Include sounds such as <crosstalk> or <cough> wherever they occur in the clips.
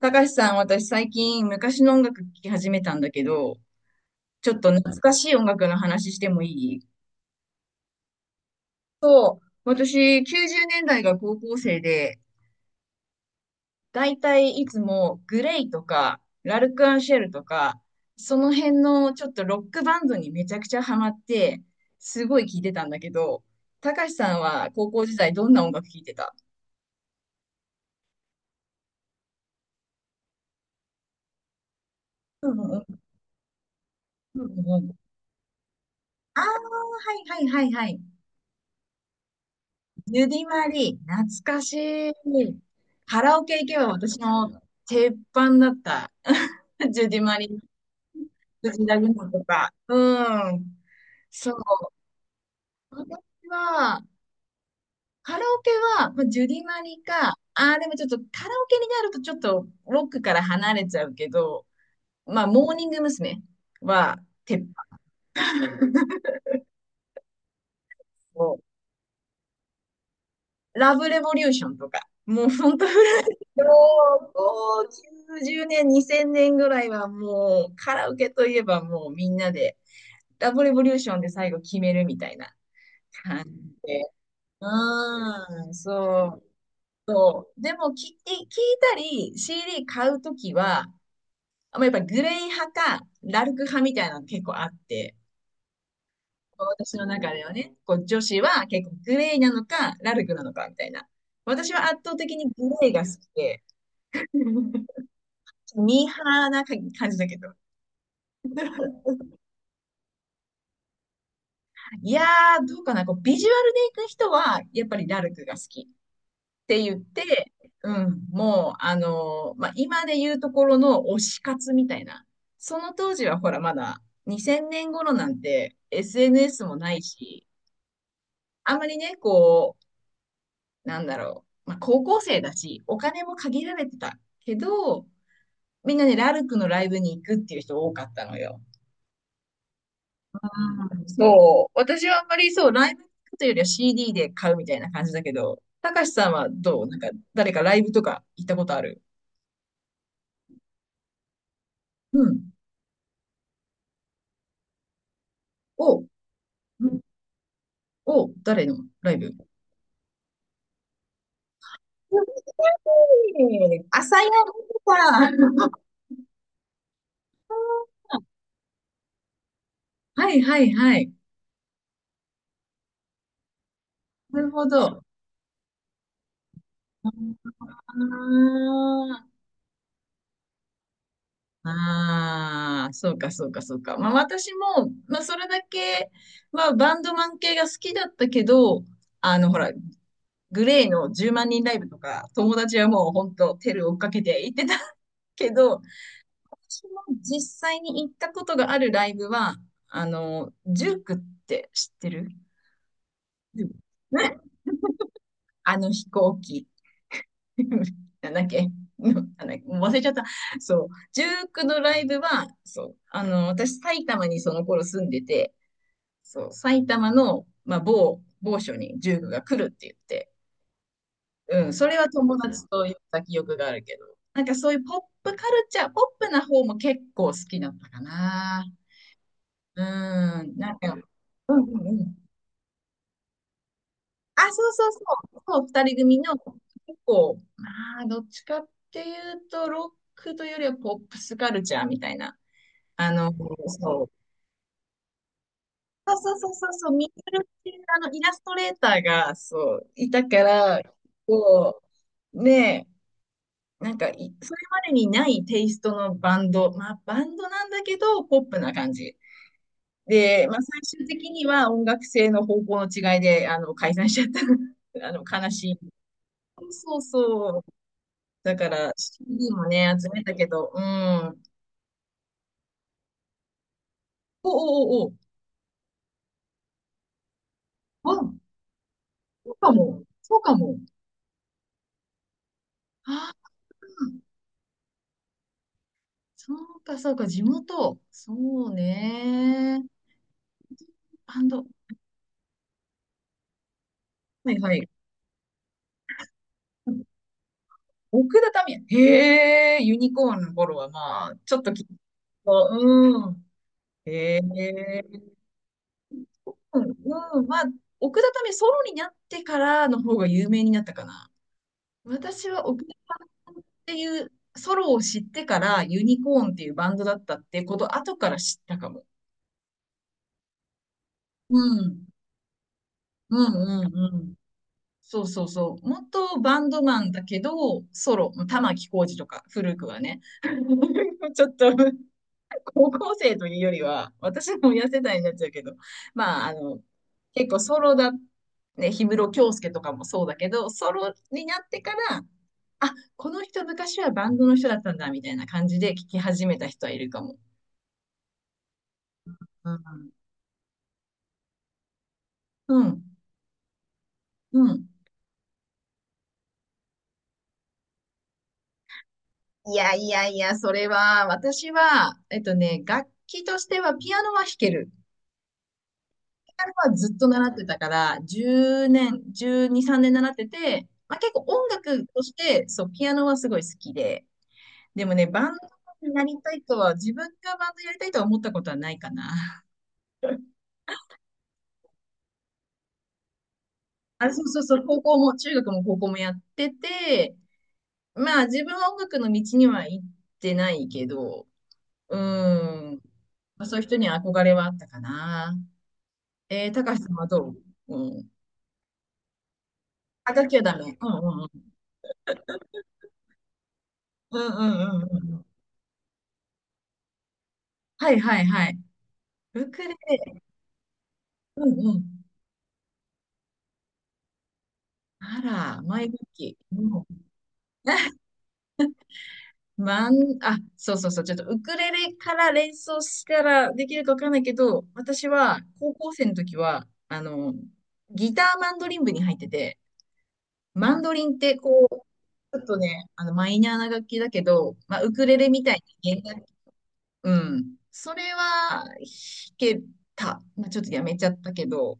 たかしさん、私最近昔の音楽聴き始めたんだけど、ちょっと懐かしい音楽の話してもいい？私、90年代が高校生で、だいたいいつもグレイとか、ラルクアンシェルとか、その辺のちょっとロックバンドにめちゃくちゃハマって、すごい聴いてたんだけど、たかしさんは高校時代どんな音楽聴いてた？うんうんうんうん。ああ、はいはいはいはい。ゆりまり、懐かしい。カラオケ行けば私の鉄板だった。<laughs> ジュディマリ、藤田グモとか。うん。そう。私は、カラオケは、まあ、ジュディマリか、ああ、でもちょっとカラオケになるとちょっとロックから離れちゃうけど、まあ、モーニング娘。は、鉄板を、ラブレボリューションとか、もう本当もう、こう、0年、2000年ぐらいはもう、カラオケといえばもうみんなで、ラブレボリューションで最後決めるみたいな。でうーん、そう。でも、聞いたり、CD 買うときは、まあやっぱグレイ派か、ラルク派みたいなの結構あって、私の中ではね、こう女子は結構グレイなのか、ラルクなのかみたいな。私は圧倒的にグレイが好きで、<laughs> ミーハーな感じだけど。<laughs> いやー、どうかな、こう、ビジュアルで行く人は、やっぱりラルクが好きって言って、うん、もう、まあ、今で言うところの推し活みたいな。その当時は、ほら、まだ2000年頃なんて SNS もないし、あんまりね、こう、なんだろう、まあ、高校生だし、お金も限られてたけど、みんなね、ラルクのライブに行くっていう人多かったのよ。そう。私はあんまりそう、ライブというよりは CD で買うみたいな感じだけど、たかしさんはどうなんか、誰かライブとか行ったことある？うん。お、うんお、誰のライブ？朝やさん。<laughs> はいはいはい。なるほど。ああ、ああ、そうかそうかそうか。まあ私も、まあそれだけはバンドマン系が好きだったけど、あのほら、グレーの10万人ライブとか、友達はもう本当テル追っかけて行ってたけど、私も実際に行ったことがあるライブは、あの、ジュークって知ってる？うんねあの飛行機。<laughs> なんだっけのなんだっけもう忘れちゃった。そう。ジュークのライブは、そう。あの、私、埼玉にその頃住んでて、そう。埼玉の、まあ、某、某所にジュークが来るって言って、うん、それは友達と行った記憶があるけど。なんかそういうポップカルチャー、ポップな方も結構好きだったかな。うん、なんか、うんうんうん。あ、そうそうそう、そう、二人組の結構、まあ、どっちかっていうと、ロックというよりはポップスカルチャーみたいな。あの、そう。そうそうそうそうそう、ミドルっていうあのイラストレーターが、そう、いたから、こう、ねえ、なんかい、それまでにないテイストのバンド。まあ、バンドなんだけど、ポップな感じ。で、まあ、最終的には音楽性の方向の違いで、あの、解散しちゃった。<laughs> あの、悲しい。そうそう。だから、CD もね、集めたけど、うん。おおおお。あ、そうかも。そうかも。ああ、そうか、そうか、地元。そうね。バンド。はいはい。奥田民生。へえ、ユニコーンの頃はまあ、ちょっときっと、うん。へえ、うん、うん。まあ、奥田民生ソロになってからの方が有名になったかな。私は奥田さんっていうソロを知ってからユニコーンっていうバンドだったってこと後から知ったかも。うん。うんうんうん。そうそうそう。元バンドマンだけど、ソロ、玉置浩二とか、古くはね。<laughs> ちょっと高校生というよりは、私も痩せたになっちゃうけど、まあ、あの、結構ソロだ、ね、氷室京介とかもそうだけど、ソロになってから、あ、この人昔はバンドの人だったんだ、みたいな感じで聞き始めた人はいるかも。うん。うん。いやいやいや、それは、私は、楽器としてはピアノは弾ける。ピアノはずっと習ってたから、10年、12、3年習ってて、まあ、結構音楽として、そう、ピアノはすごい好きで、でもね、バンドになりたいとは、自分がバンドやりたいとは思ったことはないかな。<laughs> あ、そうそうそう、高校も、中学も高校もやってて、まあ自分は音楽の道には行ってないけど、うん、まあ、そういう人には憧れはあったかな。高橋さんはどう？うん。あ、楽器はダメ。うんうんうん。うんうんうんうん。はいはいはい。ウクレレ。うんうん。あら、マイ楽器。うんあ、そうそうそう、ちょっとウクレレから連想したらできるかわかんないけど、私は高校生の時は、あの、ギターマンドリン部に入ってて、マンドリンってこう、ちょっとね、あの、マイナーな楽器だけど、まあ、ウクレレみたいに弦楽器、うん。それは弾けた。まあ、ちょっとやめちゃったけど、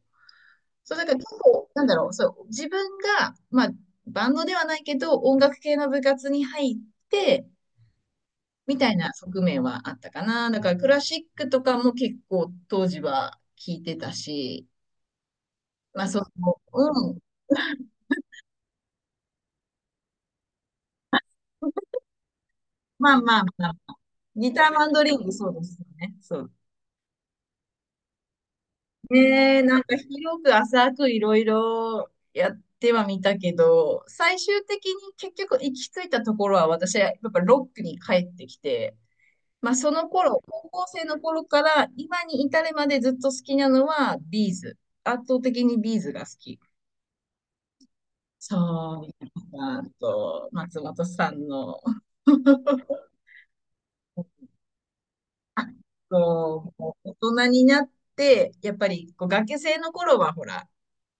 そう、だから結構、なんだろう、そう、自分が、まあ、バンドではないけど、音楽系の部活に入って、みたいな側面はあったかな。だからクラシックとかも結構当時は聴いてたし、まあそう、うん。まあまあまあ、ギターマンドリングそうですよね。そう。ねえ、なんか広く浅くいろいろやってはみたけど、最終的に結局行き着いたところは私はやっぱロックに帰ってきて、まあその頃、高校生の頃から今に至るまでずっと好きなのはビーズ。圧倒的にビーズが好き。そう、皆さんと松本さんの、あ、こう、もう大人になって、やっぱりこう学生の頃はほら、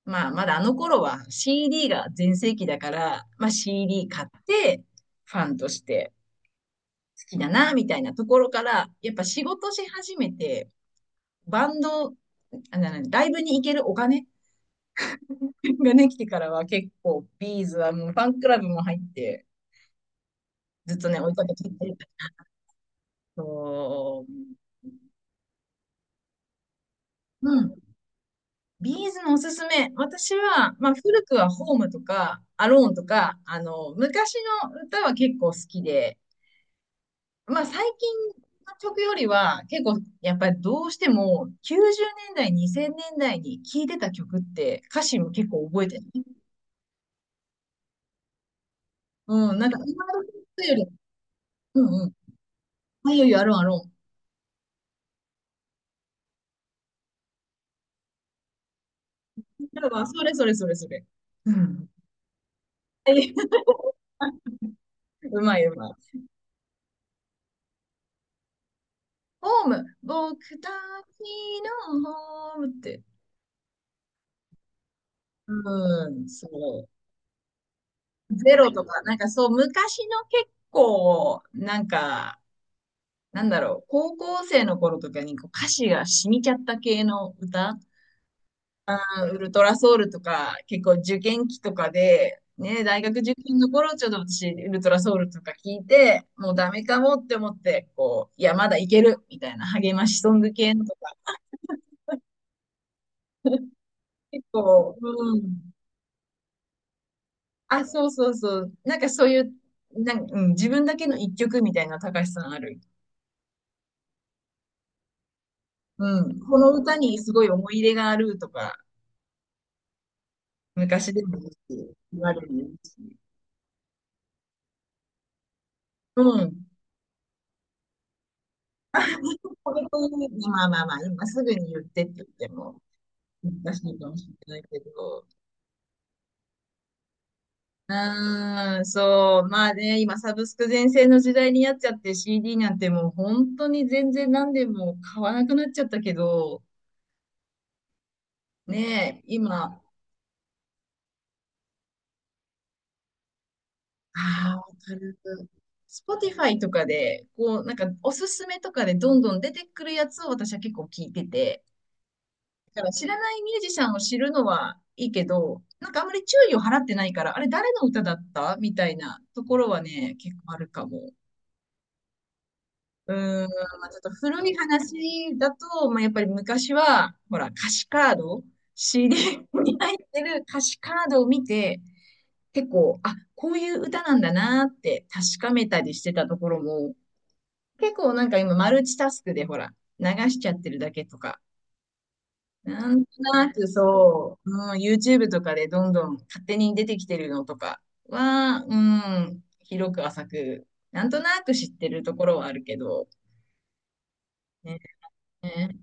まあまだあの頃は CD が全盛期だから、まあ CD 買ってファンとして好きだな、みたいなところから、やっぱ仕事し始めて、バンド、あななライブに行けるお金 <laughs> がね、来てからは結構ビーズはもうファンクラブも入って、ずっとね、追いかけていってるから。そう。うんビーズのおすすめ。私は、まあ、古くはホームとか、アローンとか、あの、昔の歌は結構好きで、まあ、最近の曲よりは、結構、やっぱりどうしても、90年代、2000年代に聴いてた曲って、歌詞も結構覚えてる。うん、なんか、今の曲より、うんうん。あ、いよいよ、アローン、アローン。だからそれそれそれそれ。うん。<laughs> うまいうまい。ホーム、僕たちのホームって。うん、そう。ゼロとか、そう、昔の結構、高校生の頃とかにこう歌詞が染みちゃった系の歌、あウルトラソウルとか、結構受験期とかで、ね、大学受験の頃、ちょっと私、ウルトラソウルとか聞いて、もうダメかもって思って、こう、いや、まだいける、みたいな励ましソング系のとか、結構、うん。あ、そうそうそう。なんかそういう、なんうん、自分だけの一曲みたいな、高橋さんある。うん、この歌にすごい思い入れがあるとか、昔でもいいし、言われるし。うん。これという、今すぐに言ってって言っても難しいかもしれないけど。うーん、そう。まあね、今サブスク全盛の時代になっちゃって CD なんてもう本当に全然何でも買わなくなっちゃったけど、ねえ、今ああ、わかる。Spotify とかで、こう、おすすめとかでどんどん出てくるやつを私は結構聞いてて、だから知らないミュージシャンを知るのはいいけど、なんかあんまり注意を払ってないから、あれ誰の歌だったみたいなところはね、結構あるかも。うーん、まあ、ちょっと古い話だと、まあ、やっぱり昔は、ほら、歌詞カード、CD に入ってる歌詞カードを見て、結構、あ、こういう歌なんだなって確かめたりしてたところも、結構なんか今マルチタスクでほら、流しちゃってるだけとか、なんとなくそう、うん、YouTube とかでどんどん勝手に出てきてるのとかは、うん、広く浅く、なんとなく知ってるところはあるけど、ね、ね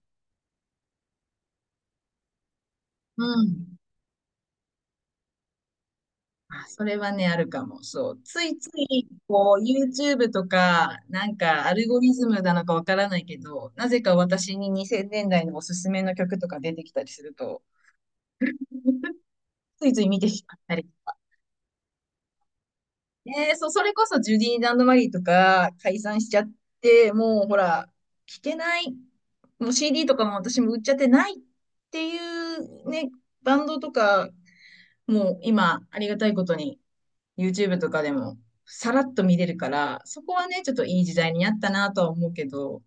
うん。まあ、それはね、あるかも。そう。ついつい、こう、YouTube とか、なんか、アルゴリズムなのかわからないけど、なぜか私に2000年代のおすすめの曲とか出てきたりすると、<laughs> ついつい見てしまったり。ね、そう、それこそジュディ・ランドマリーとか解散しちゃって、もうほら、聞けない、もう CD とかも私も売っちゃってないっていうね、バンドとか、もう今、ありがたいことに YouTube とかでもさらっと見れるから、そこはね、ちょっといい時代になったなとは思うけど、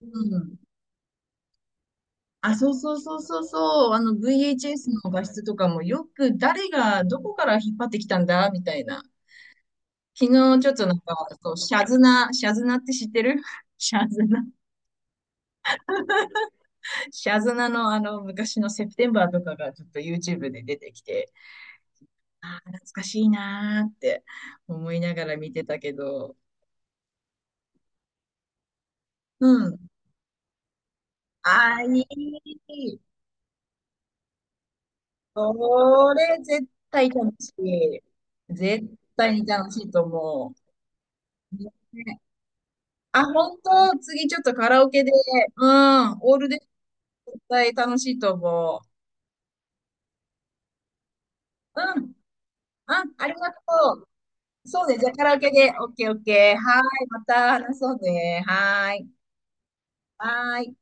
うん。あ、そうそうそうそうそう、あの VHS の画質とかもよく誰がどこから引っ張ってきたんだみたいな。昨日ちょっとなんか、そう、シャズナ、シャズナって知ってる <laughs> シャズナ、シャズナのあの昔のセプテンバーとかがちょっと YouTube で出てきて、ああ、懐かしいなーって思いながら見てたけど、うん。ああ、いい。これ絶対楽しい。絶対に楽しいと思う。ねあ、本当、次ちょっとカラオケで、うん、オールで絶対楽しいと思う。うん、あ、ありがとう。そうね、じゃあカラオケで、オッケーオッケー。はーい、また話そうね。はーい。はーい。